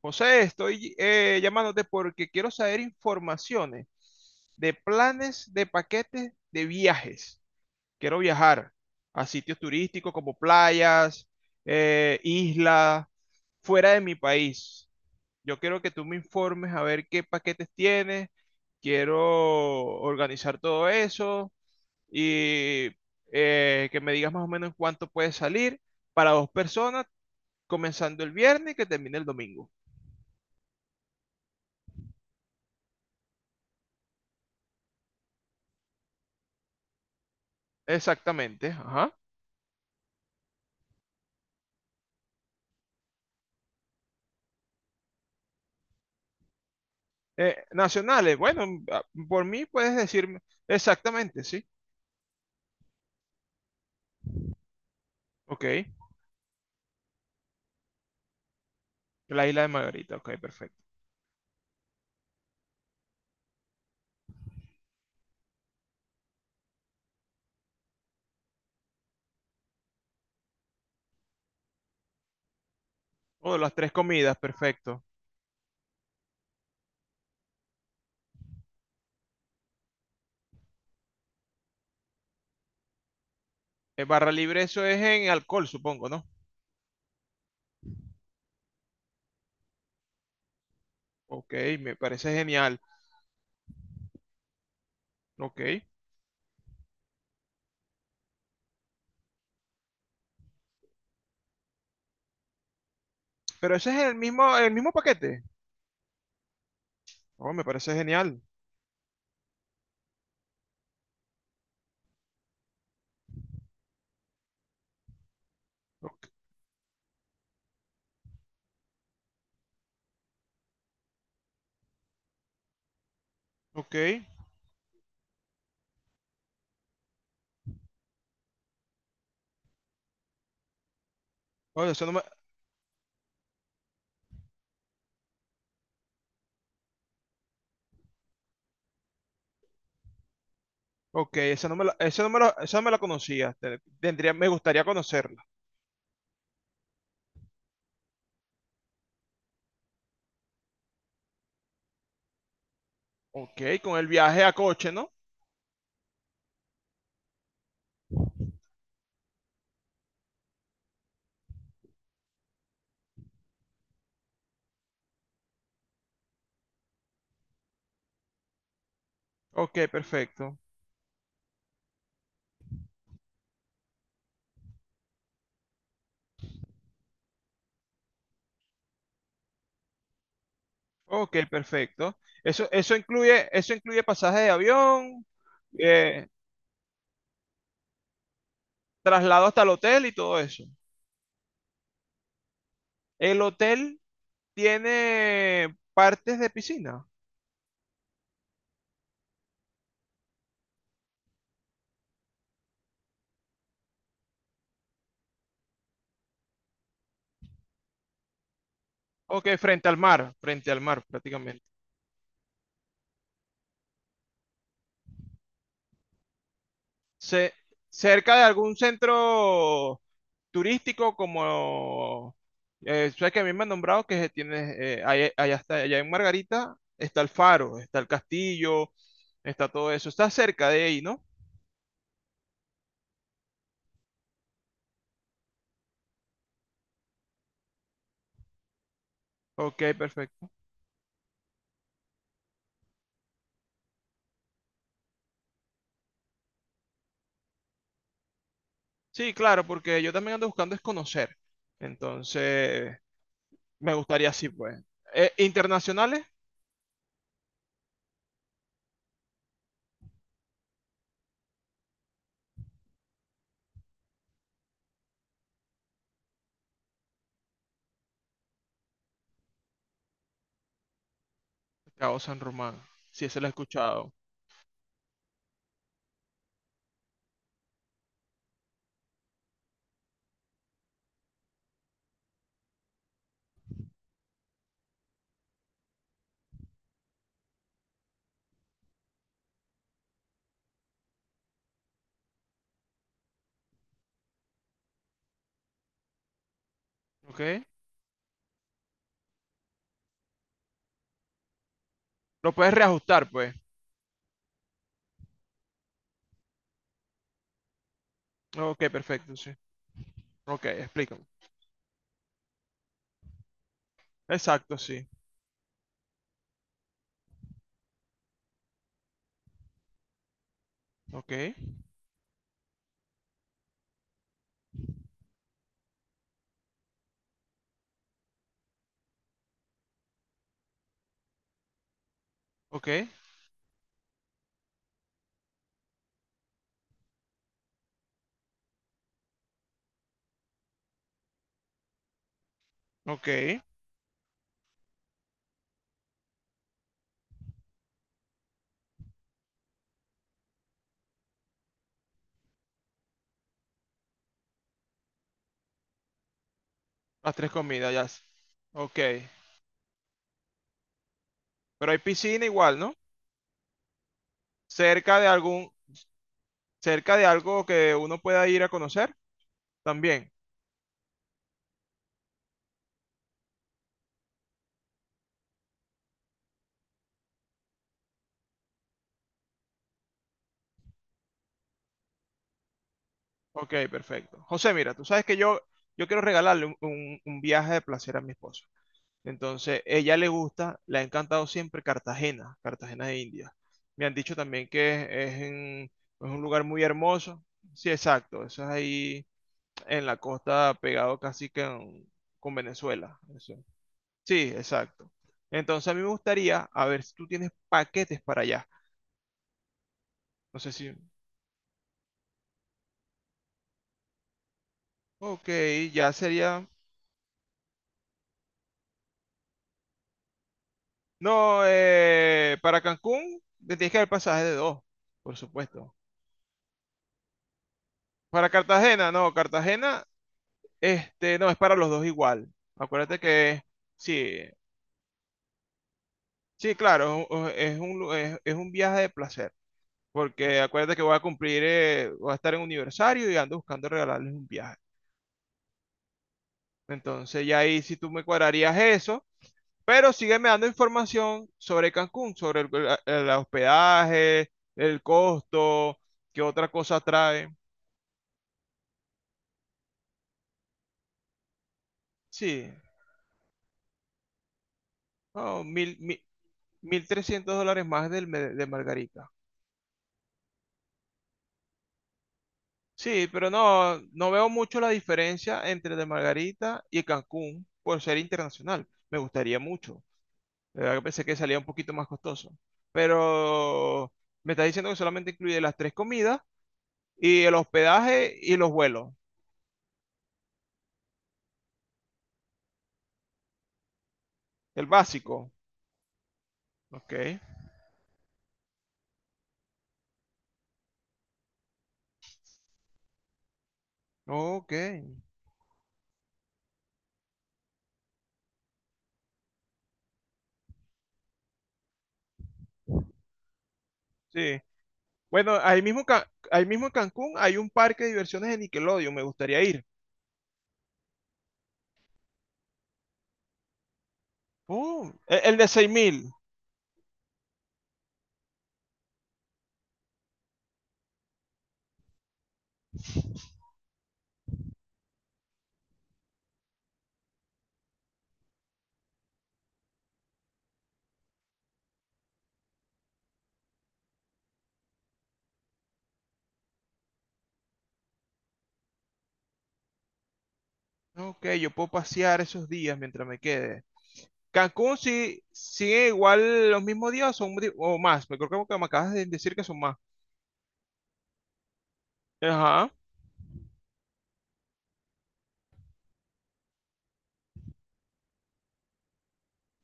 José, estoy llamándote porque quiero saber informaciones de planes de paquetes de viajes. Quiero viajar a sitios turísticos como playas, islas, fuera de mi país. Yo quiero que tú me informes a ver qué paquetes tienes. Quiero organizar todo eso y que me digas más o menos en cuánto puede salir para dos personas, comenzando el viernes y que termine el domingo. Exactamente, ajá. Nacionales, bueno, por mí puedes decirme exactamente, sí. Ok, la isla de Margarita, ok, perfecto. O las tres comidas, perfecto. Barra libre, eso es en alcohol, supongo, ¿no? Ok, me parece genial. Ok, pero ese es el mismo paquete. Oh, me parece genial. Ok, ok. Oye, eso no me, ok, esa no me la conocía. Tendría, me gustaría conocerla. Ok, con el viaje a coche, ¿no? Ok, perfecto. Ok, perfecto. Eso, eso incluye pasaje de avión, eh, traslado hasta el hotel y todo eso. El hotel tiene partes de piscina. Ok, frente al mar prácticamente. Ce- cerca de algún centro turístico como... sabes que a mí me han nombrado que tiene, allá en Margarita está el faro, está el castillo, está todo eso. Está cerca de ahí, ¿no? Ok, perfecto. Sí, claro, porque yo también ando buscando es conocer. Entonces, me gustaría así, pues. Internacionales, Cabo San Román, si ese lo he escuchado. ¿Ok? Lo puedes reajustar, pues. Ok, perfecto, sí. Ok, explícame. Exacto, sí. Ok, ok, ok. Las tres comidas, ya. s- Ok. Pero hay piscina igual, ¿no? Cerca de algún, cerca de algo que uno pueda ir a conocer, también. Ok, perfecto. José, mira, tú sabes que yo quiero regalarle un viaje de placer a mi esposa. Entonces, ella le gusta, le ha encantado siempre Cartagena, Cartagena de India. Me han dicho también que es un lugar muy hermoso. Sí, exacto, eso es ahí en la costa, pegado casi que en- con Venezuela. Eso. Sí, exacto. Entonces, a mí me gustaría, a ver si tú tienes paquetes para allá. No sé si... Ok, ya sería... No, para Cancún te tienes que dar el pasaje de dos, por supuesto. Para Cartagena, no, Cartagena, este, no, es para los dos igual. Acuérdate que sí, sí, claro, es un, es un viaje de placer, porque acuérdate que voy a cumplir, voy a estar en un aniversario y ando buscando regalarles un viaje. Entonces ya ahí si tú me cuadrarías eso, pero sígueme dando información sobre Cancún, sobre el hospedaje, el costo, qué otra cosa trae. Sí, no, $1,300 más de Margarita. Sí, pero no, no veo mucho la diferencia entre el de Margarita y Cancún por ser internacional. Me gustaría mucho. De verdad que pensé que salía un poquito más costoso. Pero me está diciendo que solamente incluye las tres comidas y el hospedaje y los vuelos. El básico. Ok. Ok. Sí. Bueno, ahí mismo en Cancún hay un parque de diversiones de Nickelodeon. Me gustaría ir. Oh, el de 6,000. Ok, yo puedo pasear esos días mientras me quede. Cancún sí sigue igual los mismos días o más. Me creo que me acabas de decir que son más. Ajá.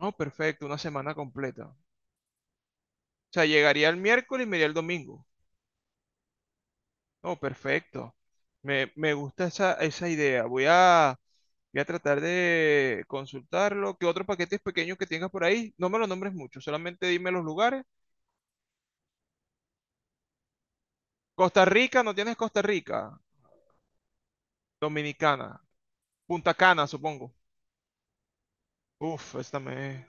No, perfecto, una semana completa. O sea, llegaría el miércoles y me iría el domingo. No, perfecto. Me gusta esa idea. Voy a tratar de consultarlo. ¿Qué otros paquetes pequeños que tengas por ahí? No me los nombres mucho, solamente dime los lugares. Costa Rica, ¿no tienes Costa Rica? Dominicana. Punta Cana, supongo. Uf, esta me...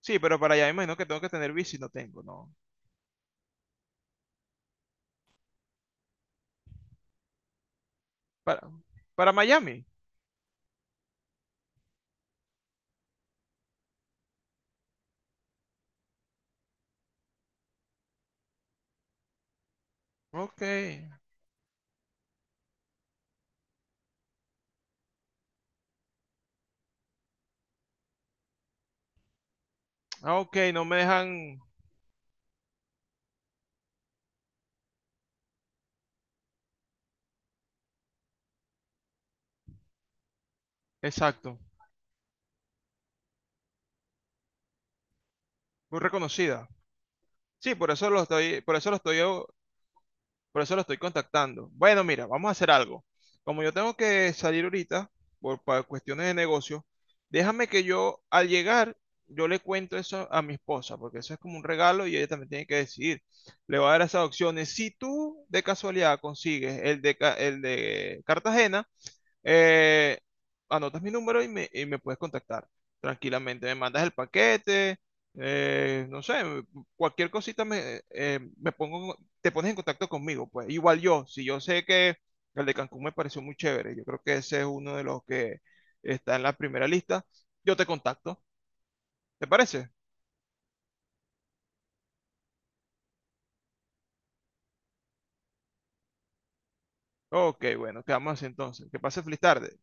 Sí, pero para allá me imagino que tengo que tener bici, no tengo, no. Para, para Miami. Ok. Ah, ok, no me dejan... Exacto. Muy reconocida. Sí, por eso lo estoy, por eso lo estoy Por eso lo estoy contactando. Bueno, mira, vamos a hacer algo. Como yo tengo que salir ahorita por cuestiones de negocio, déjame que yo al llegar, yo le cuento eso a mi esposa, porque eso es como un regalo y ella también tiene que decidir. Le voy a dar esas opciones. Si tú de casualidad consigues el de Cartagena, eh, anotas mi número y y me puedes contactar tranquilamente. Me mandas el paquete, no sé, cualquier cosita te pones en contacto conmigo. Pues igual yo, si yo sé que el de Cancún me pareció muy chévere, yo creo que ese es uno de los que está en la primera lista, yo te contacto. ¿Te parece? Ok, bueno, quedamos así entonces. Que pase feliz tarde.